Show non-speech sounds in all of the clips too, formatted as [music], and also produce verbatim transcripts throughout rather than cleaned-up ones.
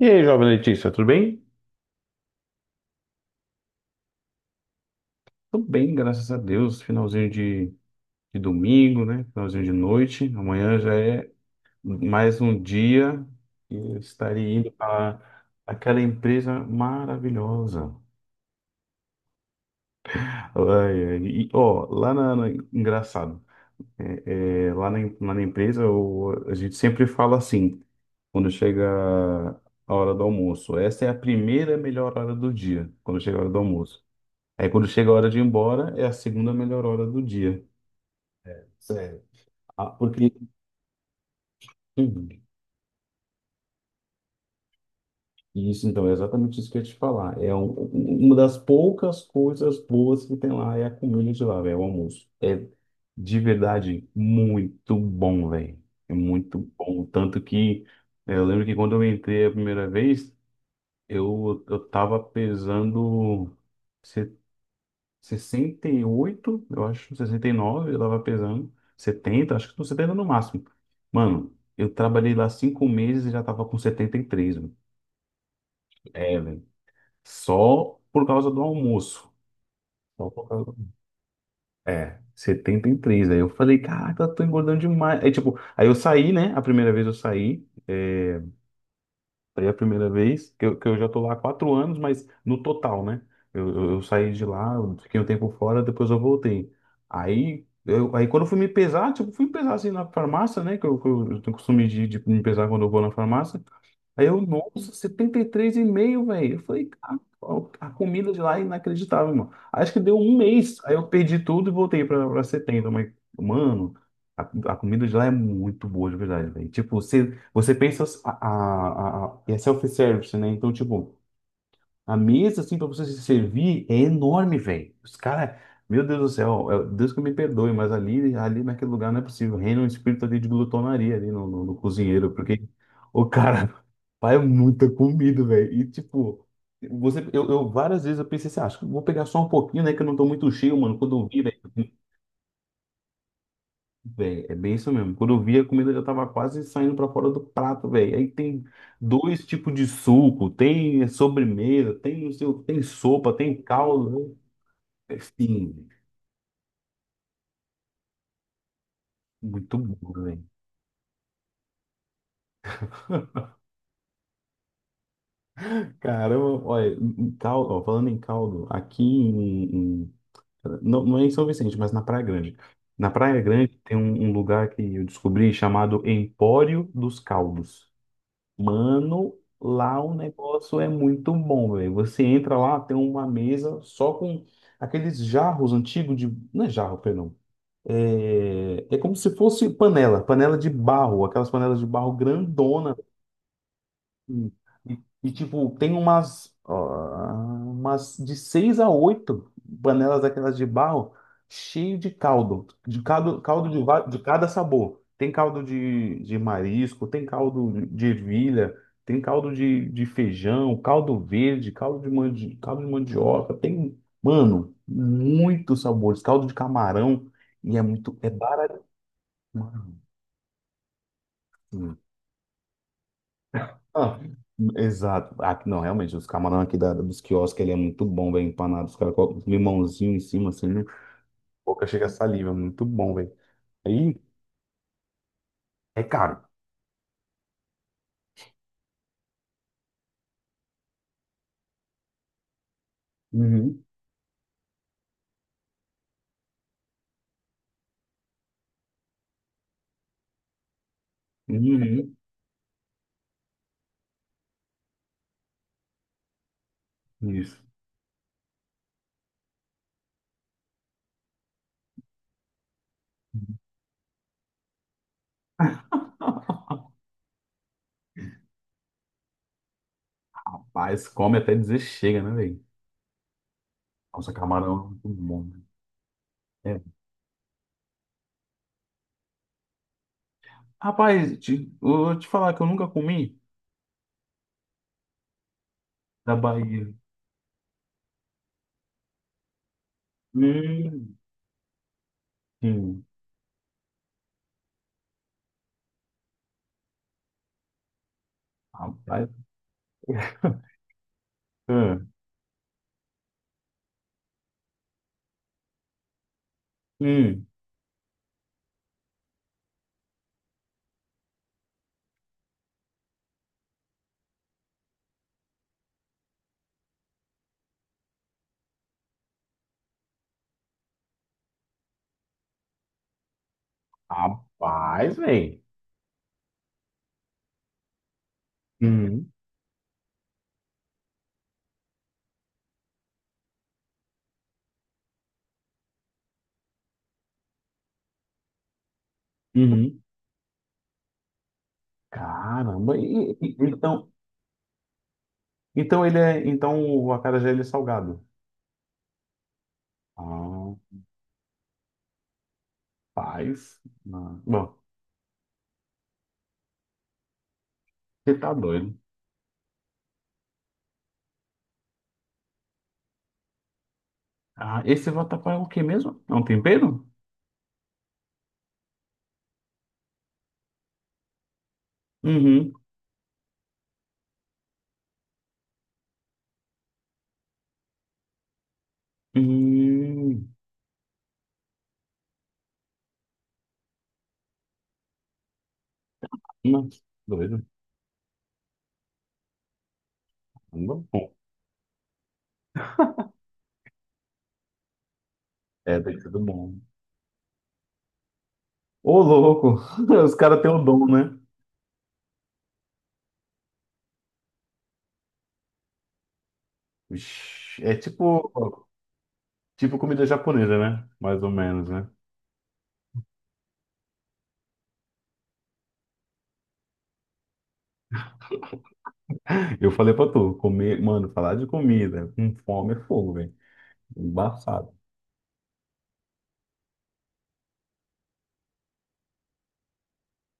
E aí, jovem Letícia, tudo bem? Tudo bem, graças a Deus. Finalzinho de, de domingo, né? Finalzinho de noite. Amanhã já é mais um dia que eu estarei indo para aquela empresa maravilhosa. Ai, ai, e, ó, lá na, na- engraçado, é, é, lá na, em- lá na empresa eu- a gente sempre fala assim. Quando chega a hora do almoço, essa é a primeira melhor hora do dia, quando chega a hora do almoço. Aí quando chega a hora de ir embora, é a segunda melhor hora do dia. Sério. Ah, porque. Uhum. Isso, então, é exatamente isso que eu ia te falar. É um- um, uma das poucas coisas boas que tem lá é a comida de lá, velho, o almoço. É de verdade muito bom, velho. É muito bom. Tanto que eh, eu lembro que quando eu entrei a primeira vez, eu, eu tava pesando sessenta e oito, eu acho, sessenta e nove, eu tava pesando, setenta, acho que tô setenta no máximo. Mano, eu trabalhei lá cinco meses e já tava com setenta e três, mano. É, velho. Só por causa do almoço. Só por causa do. É, setenta e três. Aí eu falei, caraca, eu tô engordando demais. Aí, tipo, aí eu saí, né? A primeira vez eu saí. É, foi a primeira vez que eu, que eu já tô lá há quatro anos, mas no total, né? Eu, eu, eu saí de lá, eu fiquei um tempo fora, depois eu voltei. Aí, eu, aí quando eu fui me pesar, tipo, fui me pesar assim na farmácia, né? Que eu, que eu tenho costume de, de me pesar quando eu vou na farmácia. Aí eu, nossa, setenta e três e meio, velho. Eu falei, cara, a comida de lá é inacreditável, mano. Acho que deu um mês. Aí eu perdi tudo e voltei pra, pra setenta. Mas, mano, a, a comida de lá é muito boa, de verdade, velho. Tipo, você, você pensa. A, a, a, a- e é self-service, né? Então, tipo, a mesa, assim, pra você se servir é enorme, velho. Os caras, meu Deus do céu, é- Deus que me perdoe, mas ali, ali naquele lugar não é possível. Reina um espírito ali de glutonaria ali no, no, no cozinheiro, porque o cara [laughs] faz muita comida, velho. E tipo, você, eu, eu várias vezes eu pensei assim, ah, acho que eu vou pegar só um pouquinho, né, que eu não tô muito cheio, mano. Quando eu vi, velho. Véi, é bem isso mesmo. Quando eu vi, a comida já tava quase saindo pra fora do prato, velho. Aí tem dois tipos de suco, tem sobremesa, tem, não sei, o- tem sopa, tem caldo. Né? É. Sim, muito bom, velho. Caramba, olha, em caldo, ó, falando em caldo, aqui em, em- não, não é em São Vicente, mas na Praia Grande. Na Praia Grande tem um, um lugar que eu descobri chamado Empório dos Caldos. Mano, lá o negócio é muito bom, velho. Você entra lá, tem uma mesa só com aqueles jarros antigos de. Não é jarro, perdão. É, é como se fosse panela, panela de barro, aquelas panelas de barro grandona, e, e- e, tipo, tem umas, ó, umas de seis a oito panelas daquelas de barro cheio de caldo, de caldo, caldo de, va- de cada sabor. Tem caldo de, de marisco, tem caldo de ervilha, tem caldo de, de feijão, caldo verde, caldo de, mandi, caldo de mandioca, tem, mano, muitos sabores, caldo de camarão, e é muito, é barato. Ah, exato. Ah, não, realmente, os camarão aqui da, dos quiosques, ele é muito bom, velho, empanado. Os caras colocam um limãozinho em cima, assim, né? Boca chega a saliva, é muito bom, velho. Aí, é caro. Uhum. Uhum. Isso. [laughs] Mas come até dizer chega, né, velho? Nossa, camarão é muito bom, né? É. Rapaz, te, eu vou te falar que eu nunca comi da Bahia. Hum, hum. Rapaz. Hum. Hum. Rapaz, velho. Uhum. Uhum. Caramba, e- e- então, então ele é, então o acarajé ele é salgado. Ah, paz. Mano. Bom, você tá doido. Ah, esse vatapá é o quê mesmo? É um tempero? Uhum. Hum, nossa, doido. Não. Bom, é, tem sido bom. Ô, louco, [laughs] os caras têm o dom, né? Ixi, é tipo, tipo comida japonesa, né? Mais ou menos, né? Eu falei pra tu, comer, mano, falar de comida com fome é fogo, velho. Embaçado.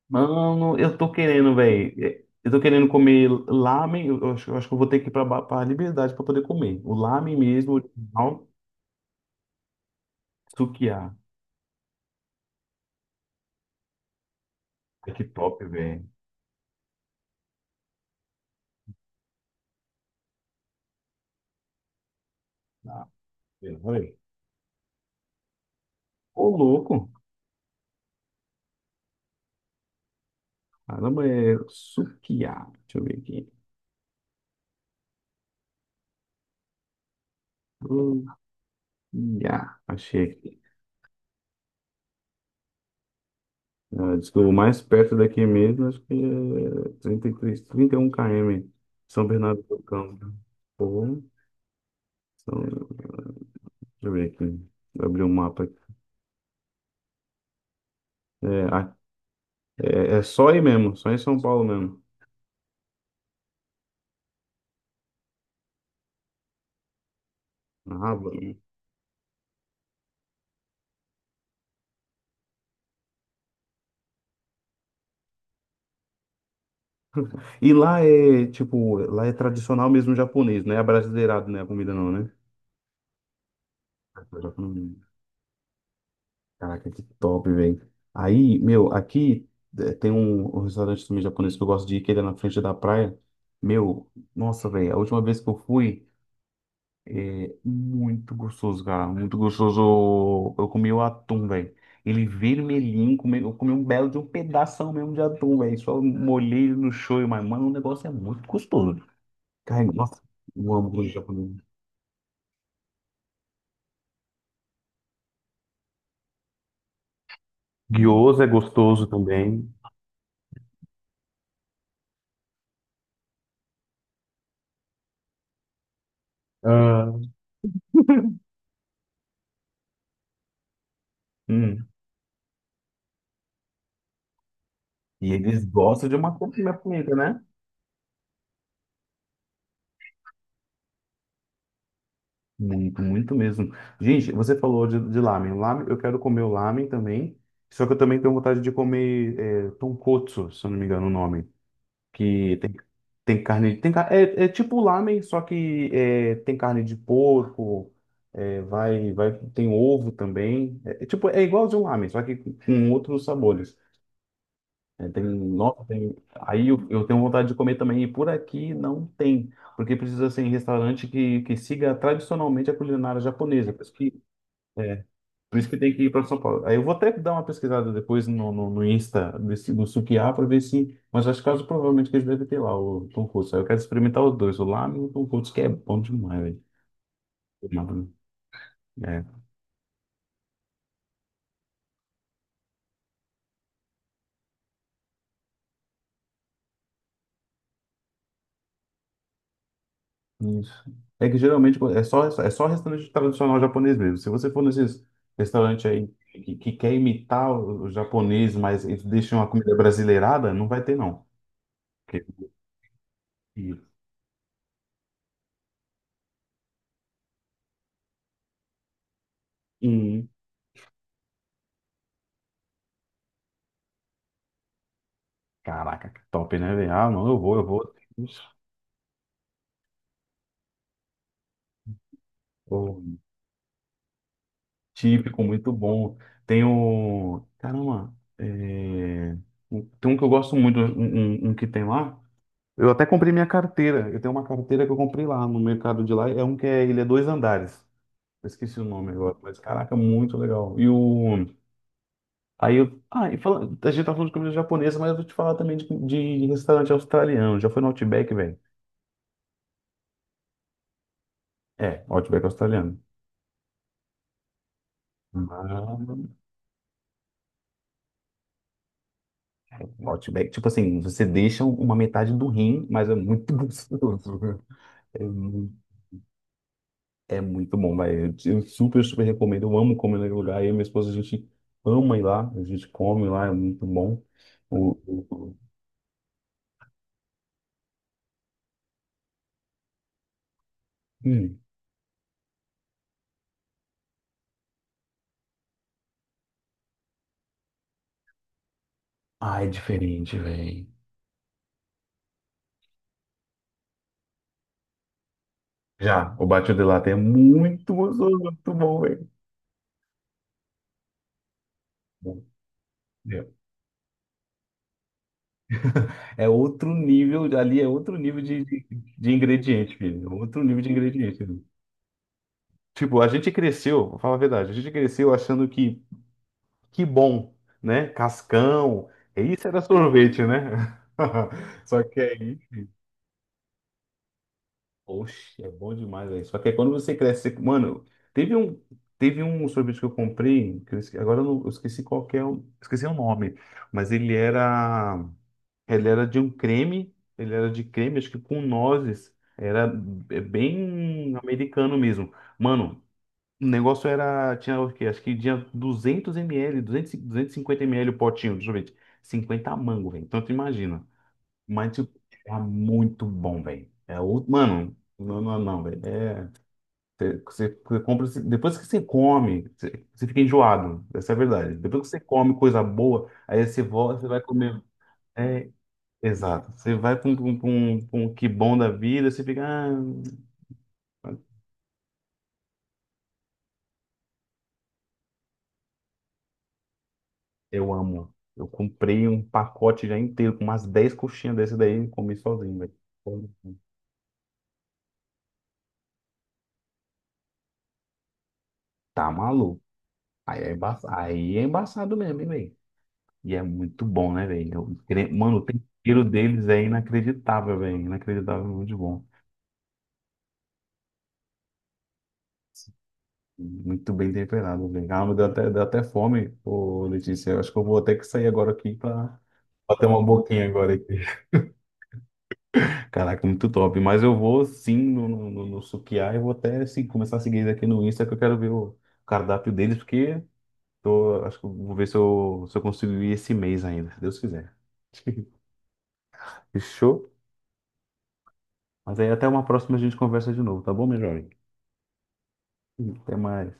Mano, eu tô querendo, velho. Eu tô querendo comer lamen. Eu acho, eu acho que eu vou ter que ir pra, Ba- pra Liberdade pra poder comer. O lamen mesmo, original, Sukiá. Ai, que top, velho. Ah, pera, peraí. Ô, louco. Caramba, é Sukiá. Deixa eu ver aqui. Sukiá. Achei aqui. Ah, diz que o mais perto daqui mesmo, acho que é trinta e três, trinta e um km. São Bernardo do Campo. Pô, São- deixa eu ver aqui. Vou abrir o um mapa aqui. É, É, é só aí mesmo, só em São Paulo mesmo. Ah, mano. E lá é, tipo, lá é tradicional mesmo japonês, não é abrasileirado, né? A comida não, né? Hum. Caraca, que top, velho. Aí, meu, aqui eh, tem um, um restaurante também japonês que eu gosto de ir, que ele é na frente da praia. Meu, nossa, velho, a última vez que eu fui. É muito gostoso, cara. Muito gostoso. Eu comi o atum, velho. Ele vermelhinho, comi- eu comi um belo de um pedação mesmo de atum, velho. Só molhei no shoyu, mas, mano, o negócio é muito gostoso. Cara, nossa, eu amo comida japonesa. Gyoza é gostoso também. Ah, hum. E eles gostam de uma comida bonita, né? Muito, muito mesmo. Gente, você falou de, de lamen. Lamen, eu quero comer o lamen também. Só que eu também tenho vontade de comer é, tonkotsu, se eu não me engano o nome. Que tem, tem carne, tem, ca- é, é tipo lamen, só que é, tem carne de porco, é, vai, vai, tem ovo também, é, é tipo, é igual de um lamen, só que com com outros sabores. É, tem, nossa, tem, aí eu, eu tenho vontade de comer também, e por aqui não tem, porque precisa ser em restaurante que, que siga tradicionalmente a culinária japonesa, por isso que é, por isso que tem que ir para São Paulo. Aí eu vou até dar uma pesquisada depois no, no, no Insta desse, do Sukiá para ver se. Mas acho que caso provavelmente que eles devem ter lá o tonkotsu. Aí eu quero experimentar os dois, o lámen e o tonkotsu que é bom demais, velho. Lámen, é, isso. É que geralmente é só, é só restaurante tradicional japonês mesmo. Se você for nesses restaurantes aí que, que quer imitar o, o japonês, mas eles deixam a comida brasileirada, não vai ter, não. Porque- Hum. Caraca, que top, né, velho? Ah, não, eu vou, eu vou. Isso. Típico, muito bom. Tem o. Caramba, é, tem um que eu gosto muito, um, um- um que tem lá. Eu até comprei minha carteira. Eu tenho uma carteira que eu comprei lá no mercado de lá. É um que é, ele é dois andares. Eu esqueci o nome agora, mas caraca, muito legal. E o. Aí eu. Ah, e fala. A gente tá falando de comida japonesa, mas eu vou te falar também de, de restaurante australiano. Já foi no Outback, velho? É, Outback australiano. Mas, Outback, tipo assim, você deixa uma metade do rim, mas é muito [laughs] gostoso. É, mu- é muito bom, vai. Eu, eu super, super recomendo. Eu amo comer naquele lugar. Eu e minha esposa, a gente ama ir lá. A gente come lá, é muito bom. O, o- hum. Ah, é diferente, velho. Já, o Batido de latte é muito gostoso, muito bom, velho. É outro nível, ali é outro nível de, de, de ingrediente, filho. É outro nível de ingrediente, né? Tipo, a gente cresceu, vou falar a verdade, a gente cresceu achando que. Que bom, né? Cascão. Isso era sorvete, né? [laughs] Só que aí, oxe, é bom demais aí. Só que aí quando você cresce, você- mano, teve um, teve um sorvete que eu comprei, que eu esque- agora eu, não- eu esqueci qual que é, o- esqueci o nome, mas ele era, ele era de um creme, ele era de creme, acho que com nozes. Era é, bem americano mesmo. Mano, o negócio era, tinha o quê? Acho que tinha duzentos ml, duzentos e- duzentos e cinquenta ml o potinho, deixa eu ver, cinquenta mango, velho. Então tu imagina. Mas, tipo, era muito bom, velho. É outro, mano, não, não, não, velho. É, você, você- você compra, esse- depois que você come, você, você fica enjoado. Essa é a verdade. Depois que você come coisa boa, aí você volta, você vai comer. É, exato. Você vai pra um, pra um, pra um pra um que bom da vida, você fica. Ah, eu amo. Eu comprei um pacote já inteiro, com umas dez coxinhas desse daí e comi sozinho, velho. Tá maluco. Aí é embaçado, aí é embaçado mesmo, hein, velho? E é muito bom, né, velho? O cre- Mano, o tempero deles é inacreditável, velho. Inacreditável, muito bom. Muito bem temperado, velho. Ah, me deu até, deu até, fome, ô Letícia. Eu acho que eu vou ter que sair agora aqui pra bater uma boquinha agora. Caraca, muito top. Mas eu vou sim no, no, no, no Sukiá e vou até assim, começar a seguir eles aqui no Insta, que eu quero ver o cardápio deles, porque tô, acho que eu vou ver se eu, se eu consigo ir esse mês ainda, se Deus quiser. [laughs] Fechou? Mas aí até uma próxima a gente conversa de novo, tá bom, meu jovem? Até mais.